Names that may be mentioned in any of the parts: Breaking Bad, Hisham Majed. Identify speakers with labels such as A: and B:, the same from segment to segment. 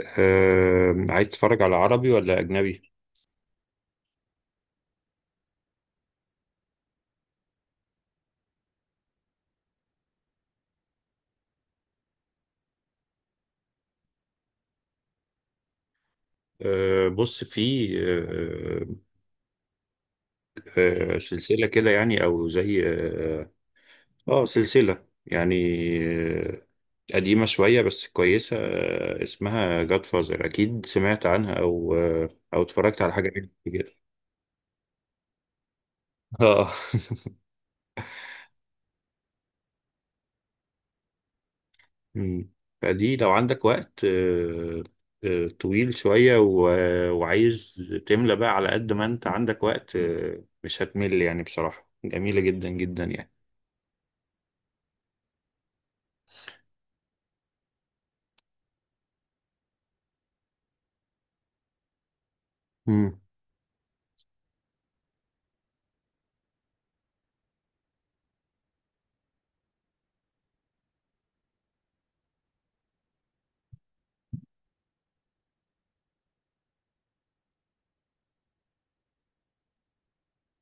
A: عايز تتفرج على عربي ولا أجنبي؟ بص في سلسلة كده يعني أو زي سلسلة يعني. آه، قديمة شوية بس كويسة، اسمها جاد فازر، أكيد سمعت عنها أو أو اتفرجت على حاجة منها كده. آه مم. فدي لو عندك وقت طويل شوية و- آه، وعايز تملى بقى، على قد ما أنت عندك وقت مش هتمل يعني، بصراحة جميلة جدا جدا يعني. مم.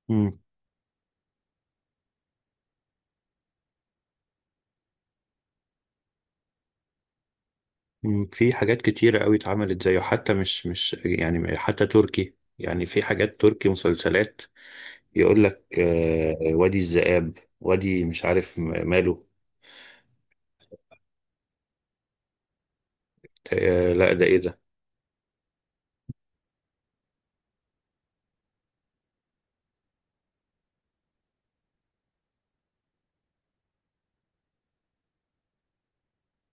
A: مم. مم. في حاجات كتيرة قوي اتعملت زيه، حتى مش يعني، حتى تركي يعني، في حاجات تركي مسلسلات يقول لك آه، وادي الذئاب، وادي مش عارف ماله. آه لا، ده ايه ده؟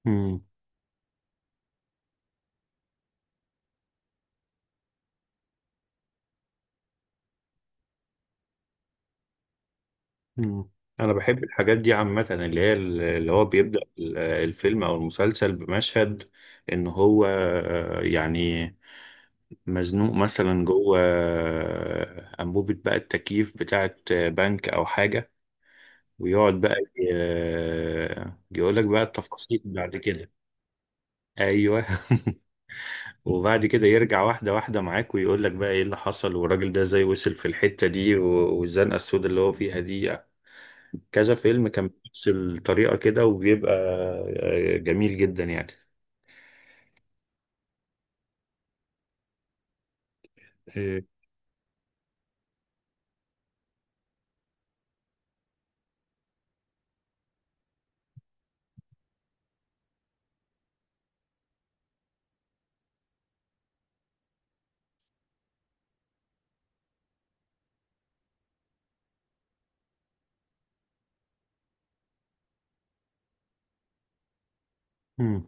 A: مم. مم. انا بحب الحاجات دي عامة، اللي هي اللي هو بيبدأ الفيلم او المسلسل بمشهد ان هو يعني مزنوق مثلا جوه انبوبة بقى التكييف بتاعت بنك او حاجة، ويقعد بقى يقول لك بقى التفاصيل بعد كده. ايوه وبعد كده يرجع واحده واحده معاك ويقول لك بقى ايه اللي حصل، والراجل ده ازاي وصل في الحته دي والزنقه السوداء اللي هو فيها دي. كذا فيلم كان بنفس الطريقه كده، وبيبقى جميل جدا يعني. آه، مم.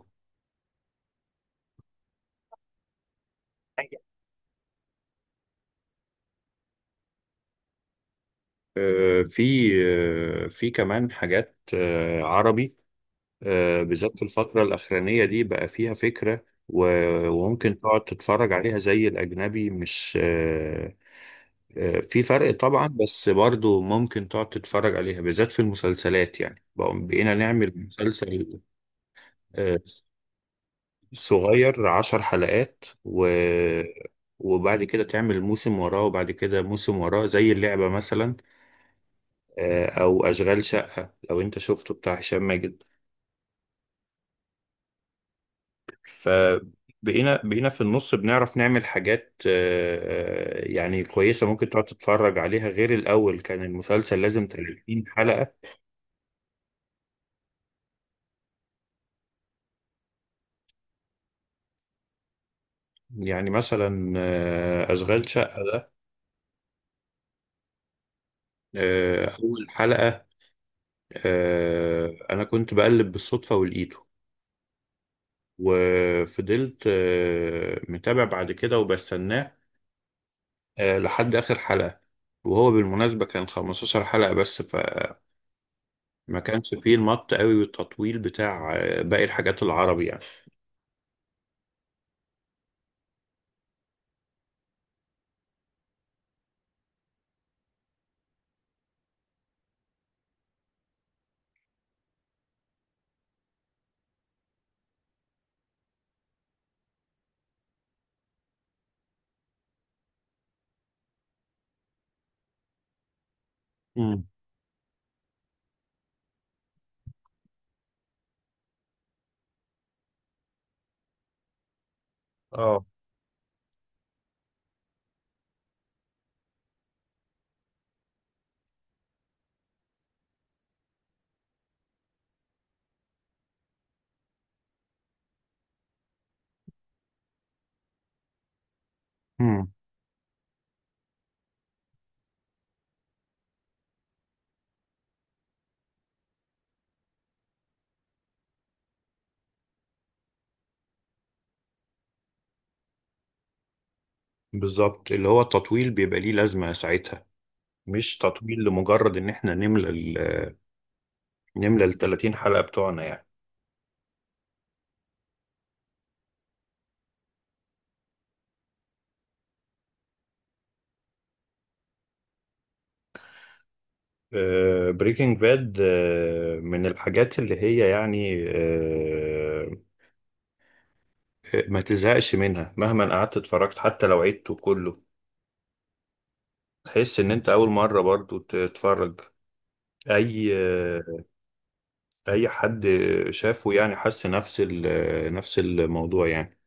A: آه، في في كمان حاجات عربي، بالذات في الفترة الأخرانية دي بقى فيها فكرة وممكن تقعد تتفرج عليها زي الأجنبي. مش في فرق طبعا، بس برضو ممكن تقعد تتفرج عليها، بالذات في المسلسلات يعني. بقينا نعمل مسلسل آه، صغير عشر حلقات، و وبعد كده تعمل موسم وراه، وبعد كده موسم وراه، زي اللعبة مثلا، أو أشغال شقة لو أنت شفته، بتاع هشام ماجد. فبقينا في النص بنعرف نعمل حاجات يعني كويسة ممكن تقعد تتفرج عليها، غير الأول كان المسلسل لازم 30 حلقة. يعني مثلا أشغال شقة ده، أول حلقة أنا كنت بقلب بالصدفة ولقيته، وفضلت متابع بعد كده وبستناه لحد آخر حلقة. وهو بالمناسبة كان 15 حلقة بس، ما كانش فيه المط قوي والتطويل بتاع باقي الحاجات العربي يعني. امم اه امم بالظبط، اللي هو التطويل بيبقى ليه لازمة ساعتها، مش تطويل لمجرد ان احنا نملى ال آه، نملى ال 30 حلقة بتوعنا يعني. بريكنج باد من الحاجات اللي هي يعني ما تزهقش منها مهما قعدت اتفرجت، حتى لو عدته كله تحس ان انت اول مرة برضو تتفرج. اي اي حد شافه يعني حس نفس نفس الموضوع يعني.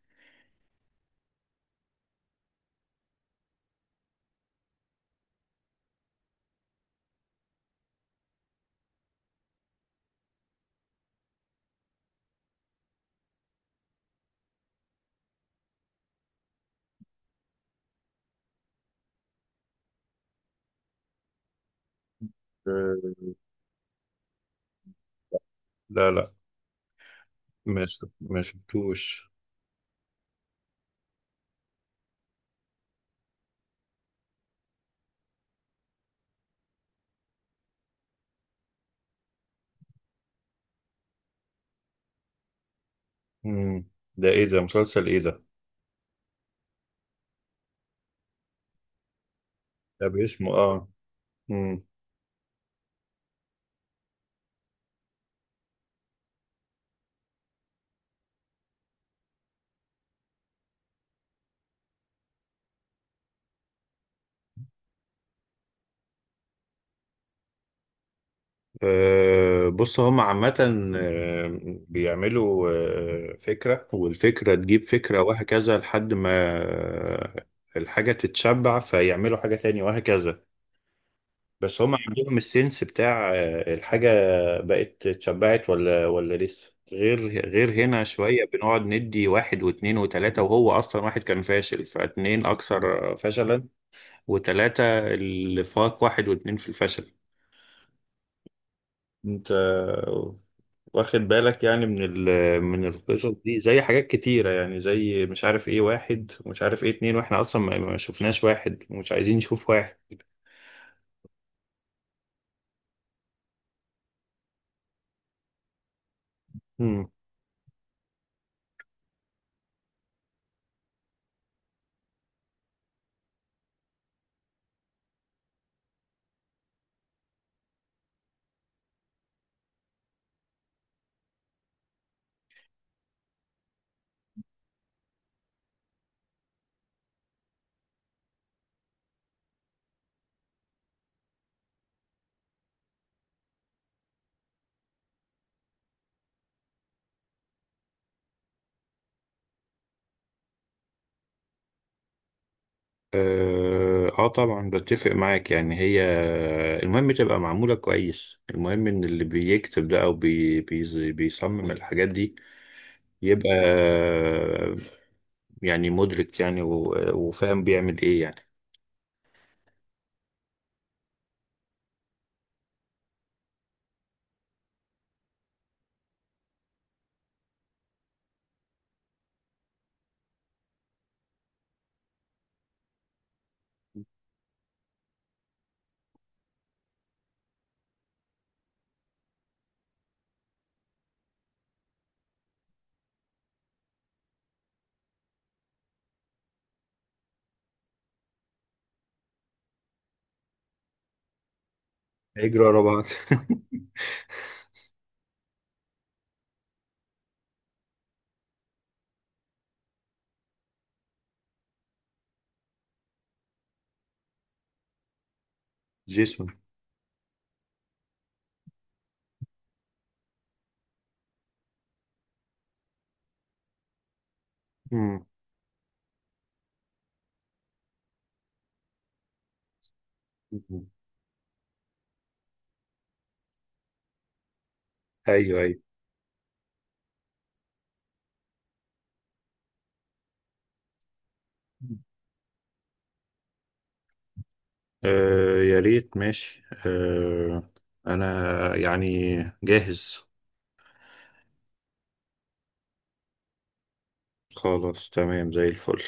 A: آه لا لا، مش ما شفتوش. مم. ده ايه ده؟ مسلسل ايه ده؟ ده باسمه اه. مم. بص هم عامة آه، بيعملوا فكرة، والفكرة تجيب فكرة وهكذا، لحد ما آه، الحاجة تتشبع فيعملوا حاجة تانية وهكذا. بس هم عندهم السنس بتاع الحاجة بقت اتشبعت ولا لسه، غير هنا شوية بنقعد ندي واحد واتنين وتلاتة، وهو أصلا واحد كان فاشل، فاتنين أكثر فشلا، وتلاتة اللي فاق واحد واتنين في الفشل. أنت واخد بالك يعني من ال من القصص دي، زي حاجات كتيرة يعني، زي مش عارف إيه واحد ومش عارف إيه اتنين، وإحنا أصلا ما شفناش واحد، ومش عايزين نشوف واحد. مم. اه آه طبعا بتفق معاك يعني. هي المهم تبقى معمولة كويس، المهم ان اللي بيكتب ده او بي بي بيصمم الحاجات دي يبقى يعني مدرك يعني وفاهم بيعمل ايه يعني. هيجري ورا بعض جيسون. مم. ايوه ايوه. آه يا ريت، ماشي آه. انا يعني جاهز. خلاص تمام زي الفل.